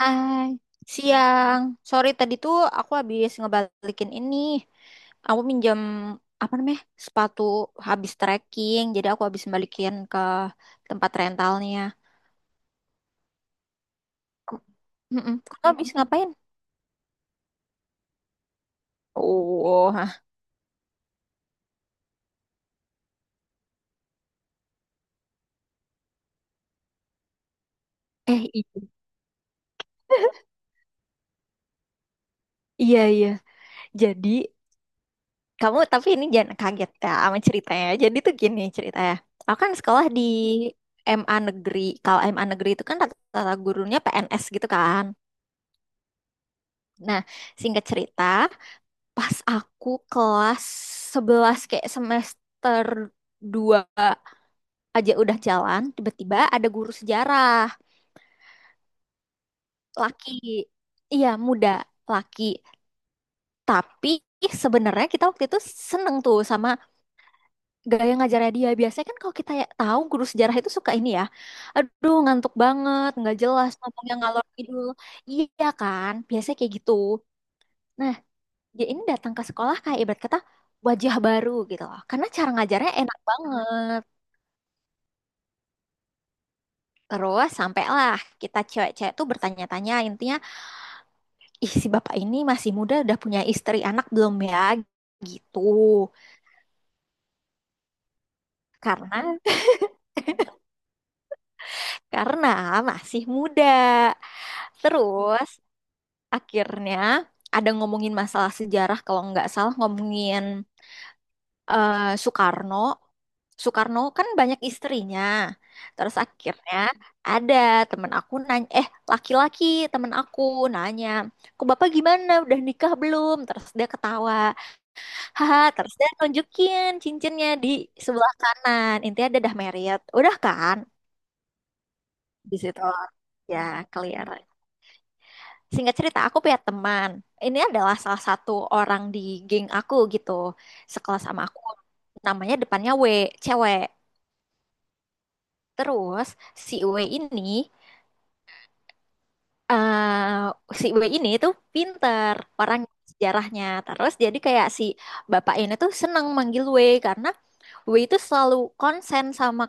Hai, siang. Sorry tadi tuh aku habis ngebalikin ini. Aku minjam apa namanya? Sepatu habis trekking. Jadi aku habis balikin ke tempat rentalnya. Ke- Mm-mm. Kamu habis ngapain? Oh, hah. eh i- iya iya. Jadi kamu tapi ini jangan kaget ya sama ceritanya. Jadi tuh gini ceritanya. Aku kan sekolah di MA Negeri. Kalau MA Negeri itu kan rata-rata gurunya PNS gitu kan. Nah, singkat cerita. Pas aku kelas 11 kayak semester 2 aja udah jalan, tiba-tiba ada guru sejarah laki. Iya, muda laki. Tapi sebenarnya kita waktu itu seneng tuh sama gaya ngajarnya dia. Biasanya kan kalau kita ya tahu guru sejarah itu suka ini ya. Aduh, ngantuk banget, nggak jelas ngomongnya ngalor ngidul. Iya kan? Biasanya kayak gitu. Nah, dia ini datang ke sekolah kayak ibarat kata wajah baru gitu loh. Karena cara ngajarnya enak banget. Terus sampailah kita cewek-cewek tuh bertanya-tanya intinya, ih si bapak ini masih muda udah punya istri anak belum ya? Gitu. Karena karena masih muda. Terus akhirnya ada ngomongin masalah sejarah kalau nggak salah ngomongin eh, Soekarno. Soekarno kan banyak istrinya. Terus akhirnya ada temen aku nanya, eh laki-laki temen aku nanya, kok bapak gimana udah nikah belum? Terus dia ketawa, haha. Terus dia nunjukin cincinnya di sebelah kanan. Intinya ada dah married, udah kan di situ ya clear. Singkat cerita aku punya teman. Ini adalah salah satu orang di geng aku gitu, sekelas sama aku. Namanya depannya W, cewek. Terus si W ini eh si W ini tuh pinter orang sejarahnya. Terus jadi kayak si bapak ini tuh seneng manggil W karena W itu selalu konsen sama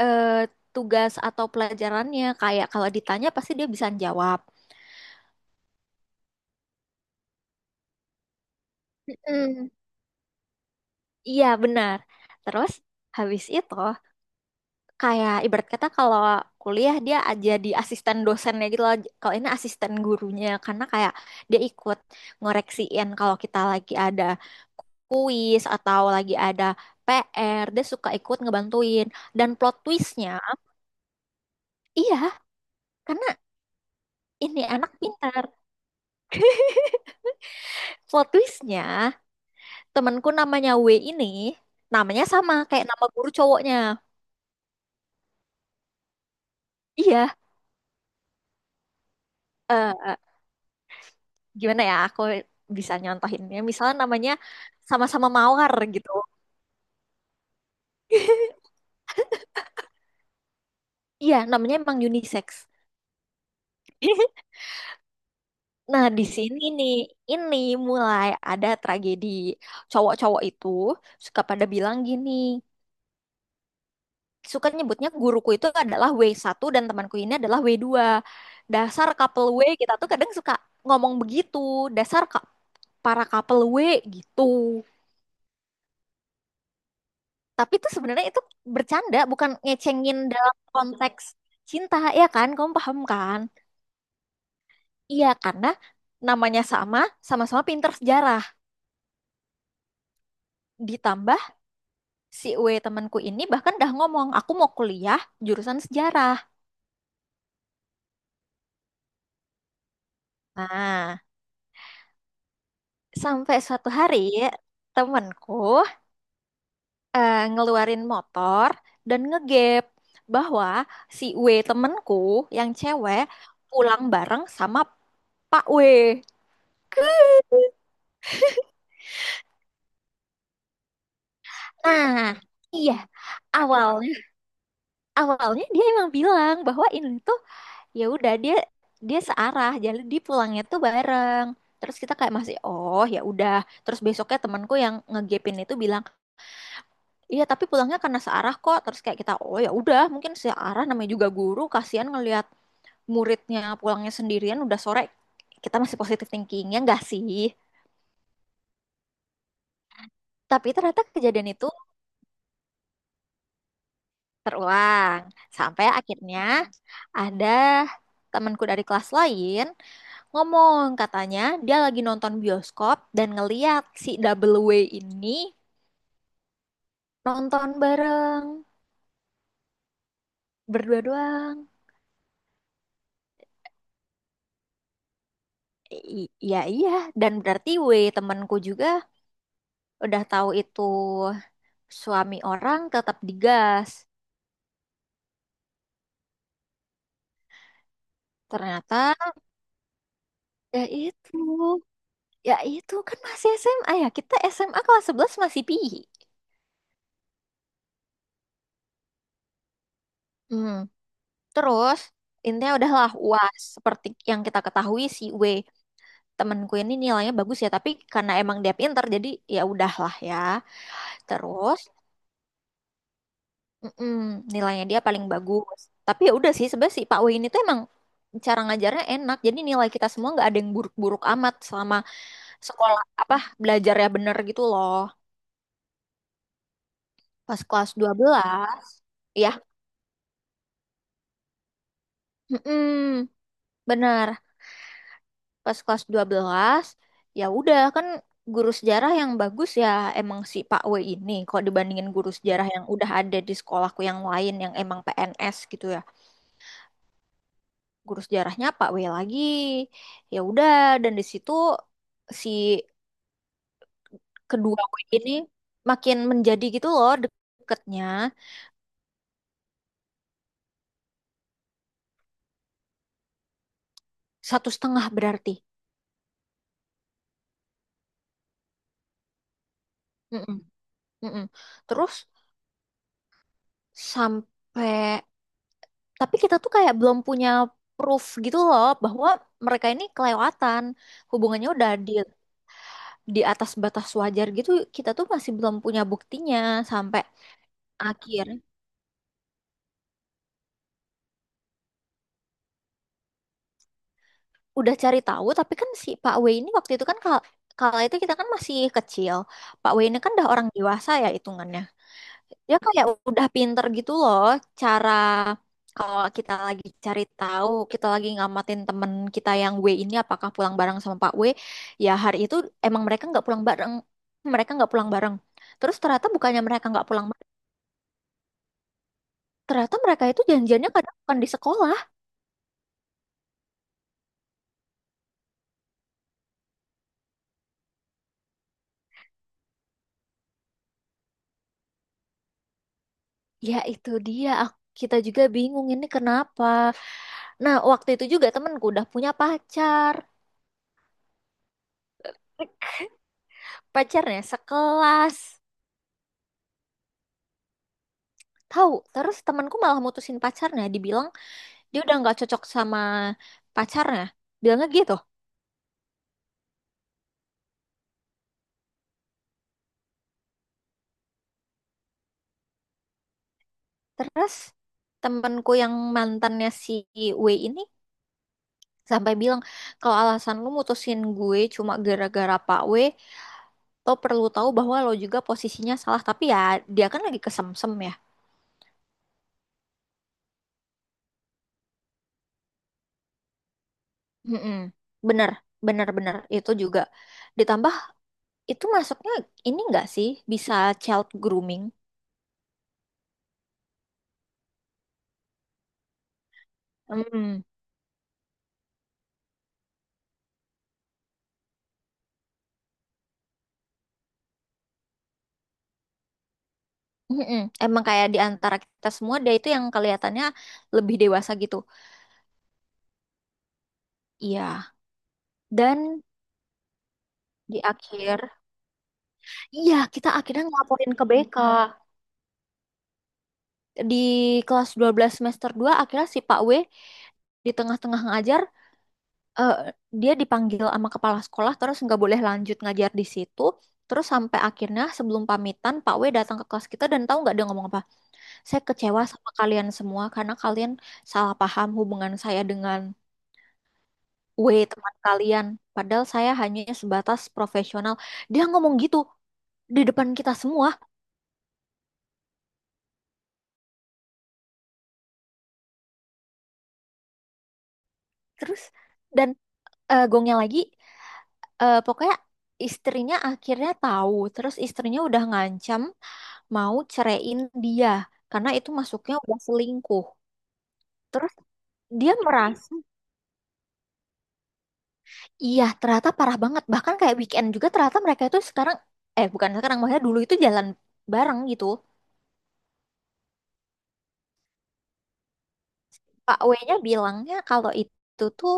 eh, tugas atau pelajarannya. Kayak kalau ditanya pasti dia bisa jawab. Mm-mm. Iya benar. Terus habis itu kayak ibarat kata kalau kuliah dia aja di asisten dosennya gitu loh. Kalau ini asisten gurunya karena kayak dia ikut ngoreksiin kalau kita lagi ada kuis atau lagi ada PR, dia suka ikut ngebantuin. Dan plot twistnya, iya, karena ini anak pintar. Plot twistnya, temanku namanya W ini, namanya sama kayak nama guru cowoknya. Iya, eh gimana ya, aku bisa nyontohinnya. Misalnya namanya sama-sama Mawar gitu. Iya, namanya emang unisex. Nah, di sini nih, ini mulai ada tragedi. Cowok-cowok itu suka pada bilang gini, suka nyebutnya guruku itu adalah W1 dan temanku ini adalah W2. Dasar couple W, kita tuh kadang suka ngomong begitu, dasar para couple W gitu. Tapi itu sebenarnya itu bercanda, bukan ngecengin dalam konteks cinta, ya kan? Kamu paham kan? Iya, karena namanya sama, sama-sama pinter sejarah. Ditambah si W temanku ini bahkan dah ngomong, aku mau kuliah jurusan sejarah. Nah, sampai suatu hari temanku ngeluarin motor dan ngegap bahwa si W temanku yang cewek pulang bareng sama Pak W. Nah, iya, awalnya awalnya dia emang bilang bahwa ini tuh ya udah dia dia searah jadi dia pulangnya tuh bareng. Terus kita kayak masih oh ya udah. Terus besoknya temanku yang ngegepin itu bilang iya tapi pulangnya karena searah kok. Terus kayak kita oh ya udah mungkin searah namanya juga guru kasihan ngelihat muridnya pulangnya sendirian udah sore. Kita masih positive thinking ya enggak sih. Tapi ternyata kejadian itu terulang sampai akhirnya ada temanku dari kelas lain ngomong katanya dia lagi nonton bioskop dan ngeliat si Double W ini nonton bareng berdua doang. Iya, iya. Dan berarti W temanku juga udah tahu itu suami orang tetap digas. Ternyata ya itu ya itu kan masih SMA ya, kita SMA kelas 11 masih pi. Hmm. Terus intinya udahlah uas seperti yang kita ketahui si W temenku ini nilainya bagus ya tapi karena emang dia pinter jadi ya udahlah ya. Terus mm-mm, nilainya dia paling bagus. Tapi ya udah sih sebenarnya si Pak Wei ini tuh emang cara ngajarnya enak jadi nilai kita semua nggak ada yang buruk-buruk amat selama sekolah apa belajarnya bener gitu loh. Pas kelas 12 ya, mm-mm, bener. Pas kelas 12 ya udah kan guru sejarah yang bagus ya emang si Pak W ini kalau dibandingin guru sejarah yang udah ada di sekolahku yang lain yang emang PNS gitu ya, guru sejarahnya Pak W lagi ya udah. Dan di situ si kedua W ini makin menjadi gitu loh deketnya. 1,5 berarti. Mm-mm, mm-mm. Terus sampai tapi kita tuh kayak belum punya proof gitu loh bahwa mereka ini kelewatan hubungannya udah di atas batas wajar gitu kita tuh masih belum punya buktinya sampai akhir. Udah cari tahu tapi kan si Pak W ini waktu itu kan kalau kalau itu kita kan masih kecil. Pak W ini kan udah orang dewasa ya hitungannya. Dia kayak udah pinter gitu loh cara kalau kita lagi cari tahu, kita lagi ngamatin temen kita yang W ini apakah pulang bareng sama Pak W, ya hari itu emang mereka nggak pulang bareng, mereka nggak pulang bareng. Terus ternyata bukannya mereka nggak pulang bareng, ternyata mereka itu janjiannya kadang bukan di sekolah. Ya itu dia, kita juga bingung ini kenapa. Nah waktu itu juga temenku udah punya pacar, pacarnya sekelas. Tahu, terus temanku malah mutusin pacarnya, dibilang dia udah nggak cocok sama pacarnya bilangnya gitu. Terus temenku yang mantannya si W ini sampai bilang kalau alasan lu mutusin gue cuma gara-gara Pak W, lo perlu tahu bahwa lo juga posisinya salah tapi ya dia kan lagi kesemsem ya. Mm-mm. Bener, bener, bener itu juga ditambah itu masuknya ini nggak sih bisa child grooming. Mm. Mm-mm. Emang kayak di antara kita semua dia itu yang kelihatannya lebih dewasa gitu. Iya, dan di akhir, iya kita akhirnya ngelaporin ke BK. Di kelas 12 semester 2 akhirnya si Pak W di tengah-tengah ngajar, eh, dia dipanggil sama kepala sekolah terus nggak boleh lanjut ngajar di situ. Terus sampai akhirnya sebelum pamitan Pak W datang ke kelas kita dan tahu nggak dia ngomong apa? Saya kecewa sama kalian semua karena kalian salah paham hubungan saya dengan W teman kalian. Padahal saya hanya sebatas profesional. Dia ngomong gitu di depan kita semua. Terus dan gongnya lagi, pokoknya istrinya akhirnya tahu. Terus istrinya udah ngancam mau ceraiin dia karena itu masuknya udah selingkuh. Terus dia merasa iya ternyata parah banget. Bahkan kayak weekend juga ternyata mereka itu sekarang, eh, bukan sekarang maksudnya dulu itu jalan bareng gitu. Pak W-nya bilangnya kalau itu tuh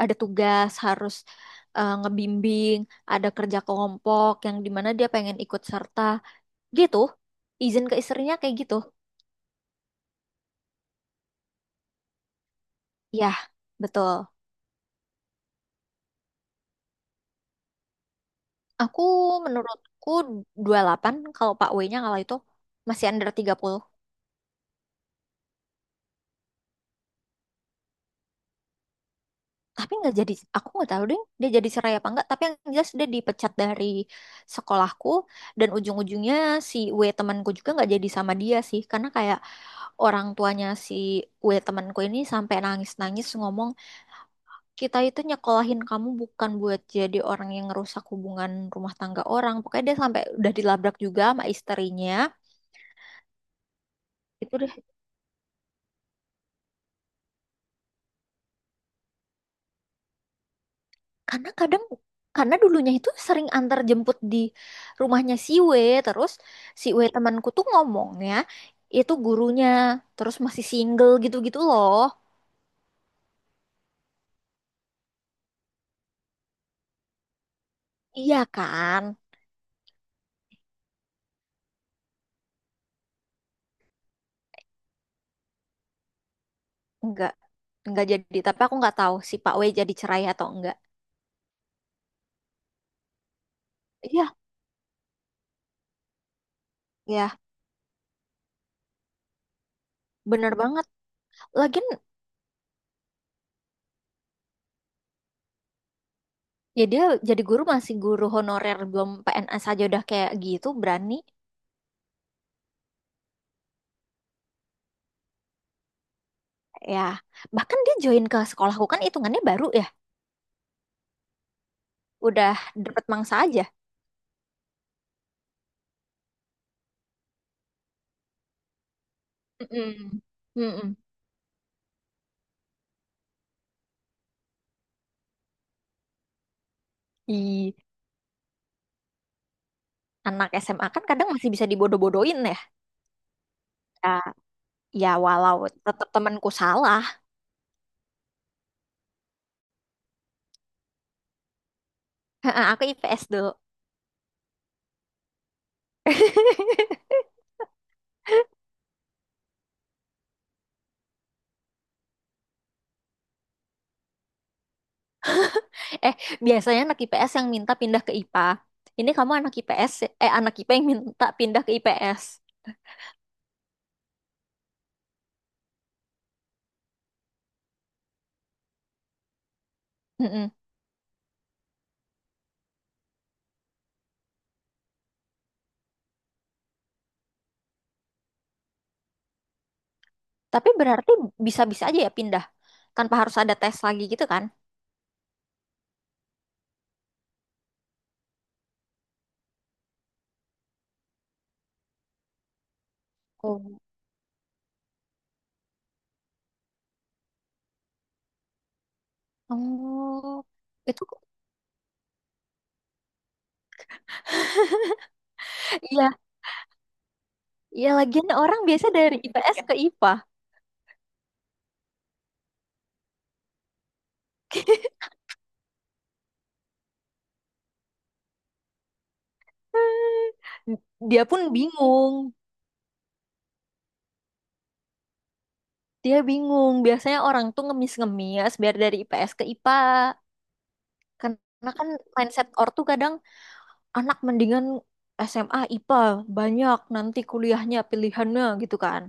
ada tugas harus ngebimbing, ada kerja kelompok yang dimana dia pengen ikut serta. Gitu, izin ke istrinya kayak gitu. Ya, betul. Aku menurutku 28 kalau Pak W-nya kalau itu masih under 30. Tapi nggak jadi, aku nggak tahu deh dia jadi cerai apa enggak. Tapi yang jelas dia dipecat dari sekolahku. Dan ujung-ujungnya si W temanku juga nggak jadi sama dia sih. Karena kayak orang tuanya si W temanku ini sampai nangis-nangis ngomong kita itu nyekolahin kamu bukan buat jadi orang yang ngerusak hubungan rumah tangga orang. Pokoknya dia sampai udah dilabrak juga sama istrinya. Itu deh. Karena kadang karena dulunya itu sering antar jemput di rumahnya si W, terus si W temanku tuh ngomongnya itu gurunya, terus masih single gitu-gitu loh. Iya kan? Enggak. Enggak jadi, tapi aku nggak tahu si Pak W jadi cerai atau enggak. Iya, ya, bener banget. Lagian ya dia jadi guru masih guru honorer belum PNS aja udah kayak gitu berani ya. Bahkan dia join ke sekolahku kan hitungannya baru ya. Udah dapet mangsa aja. Mm-mm. Mm-mm. Ih, anak SMA kan kadang masih bisa dibodoh-bodohin ya. Ya, ya walau tetap temanku salah. Aku IPS dulu. Eh, biasanya anak IPS yang minta pindah ke IPA. Ini kamu anak IPS, eh anak IPA yang minta pindah ke IPS. Tapi berarti bisa-bisa aja ya pindah tanpa harus ada tes lagi gitu kan? Oh. Oh, itu iya, iya lagian orang biasa dari IPS ke IPA. Dia pun bingung, dia bingung. Biasanya orang tuh ngemis-ngemis biar dari IPS ke IPA. Karena kan mindset ortu kadang anak mendingan SMA IPA banyak nanti kuliahnya pilihannya gitu kan.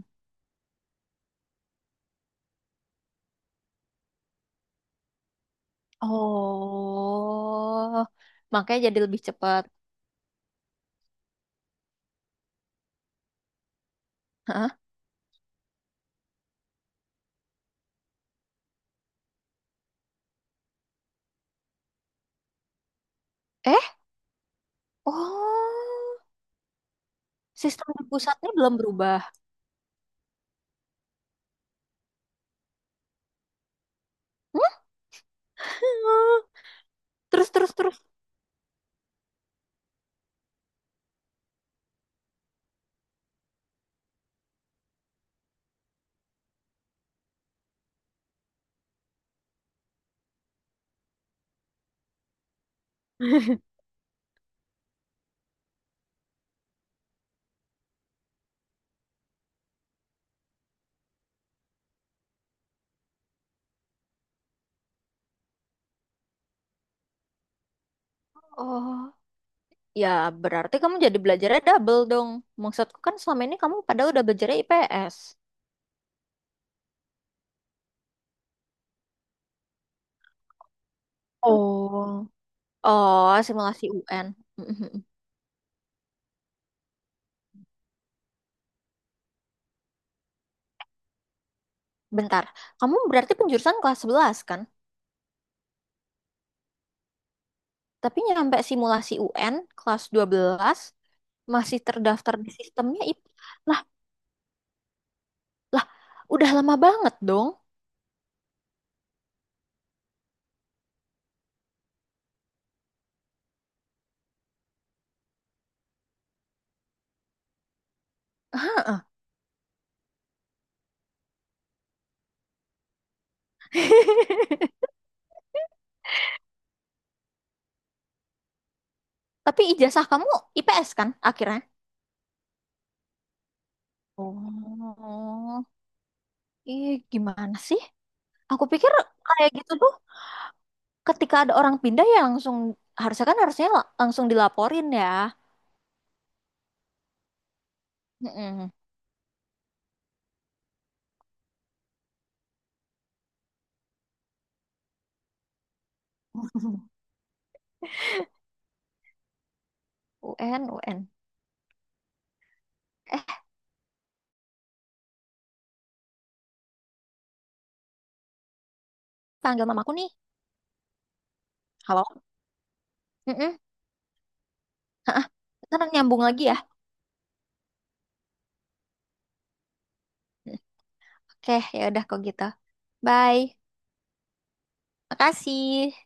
Oh, makanya jadi lebih cepat. Hah? Eh? Oh, sistem di pusatnya belum berubah. Terus, terus, terus. Oh, ya berarti kamu jadi belajarnya double dong. Maksudku kan selama ini kamu pada udah belajarnya IPS. Oh, oh, simulasi UN. Bentar, kamu berarti penjurusan kelas 11 kan? Tapi nyampe simulasi UN kelas 12 masih terdaftar di sistemnya IP. Lah, lah, udah lama banget dong. Tapi ijazah kamu IPS kan akhirnya? Oh, ih gimana sih? Aku pikir kayak gitu tuh ketika ada orang pindah ya langsung harusnya kan harusnya langsung dilaporin ya. Mm-mm. UN, UN. Eh, panggil mamaku nih. Halo. Mm-mm. Ha-ah. Ntar nyambung lagi ya. Oke, ya udah kok gitu. Bye. Makasih.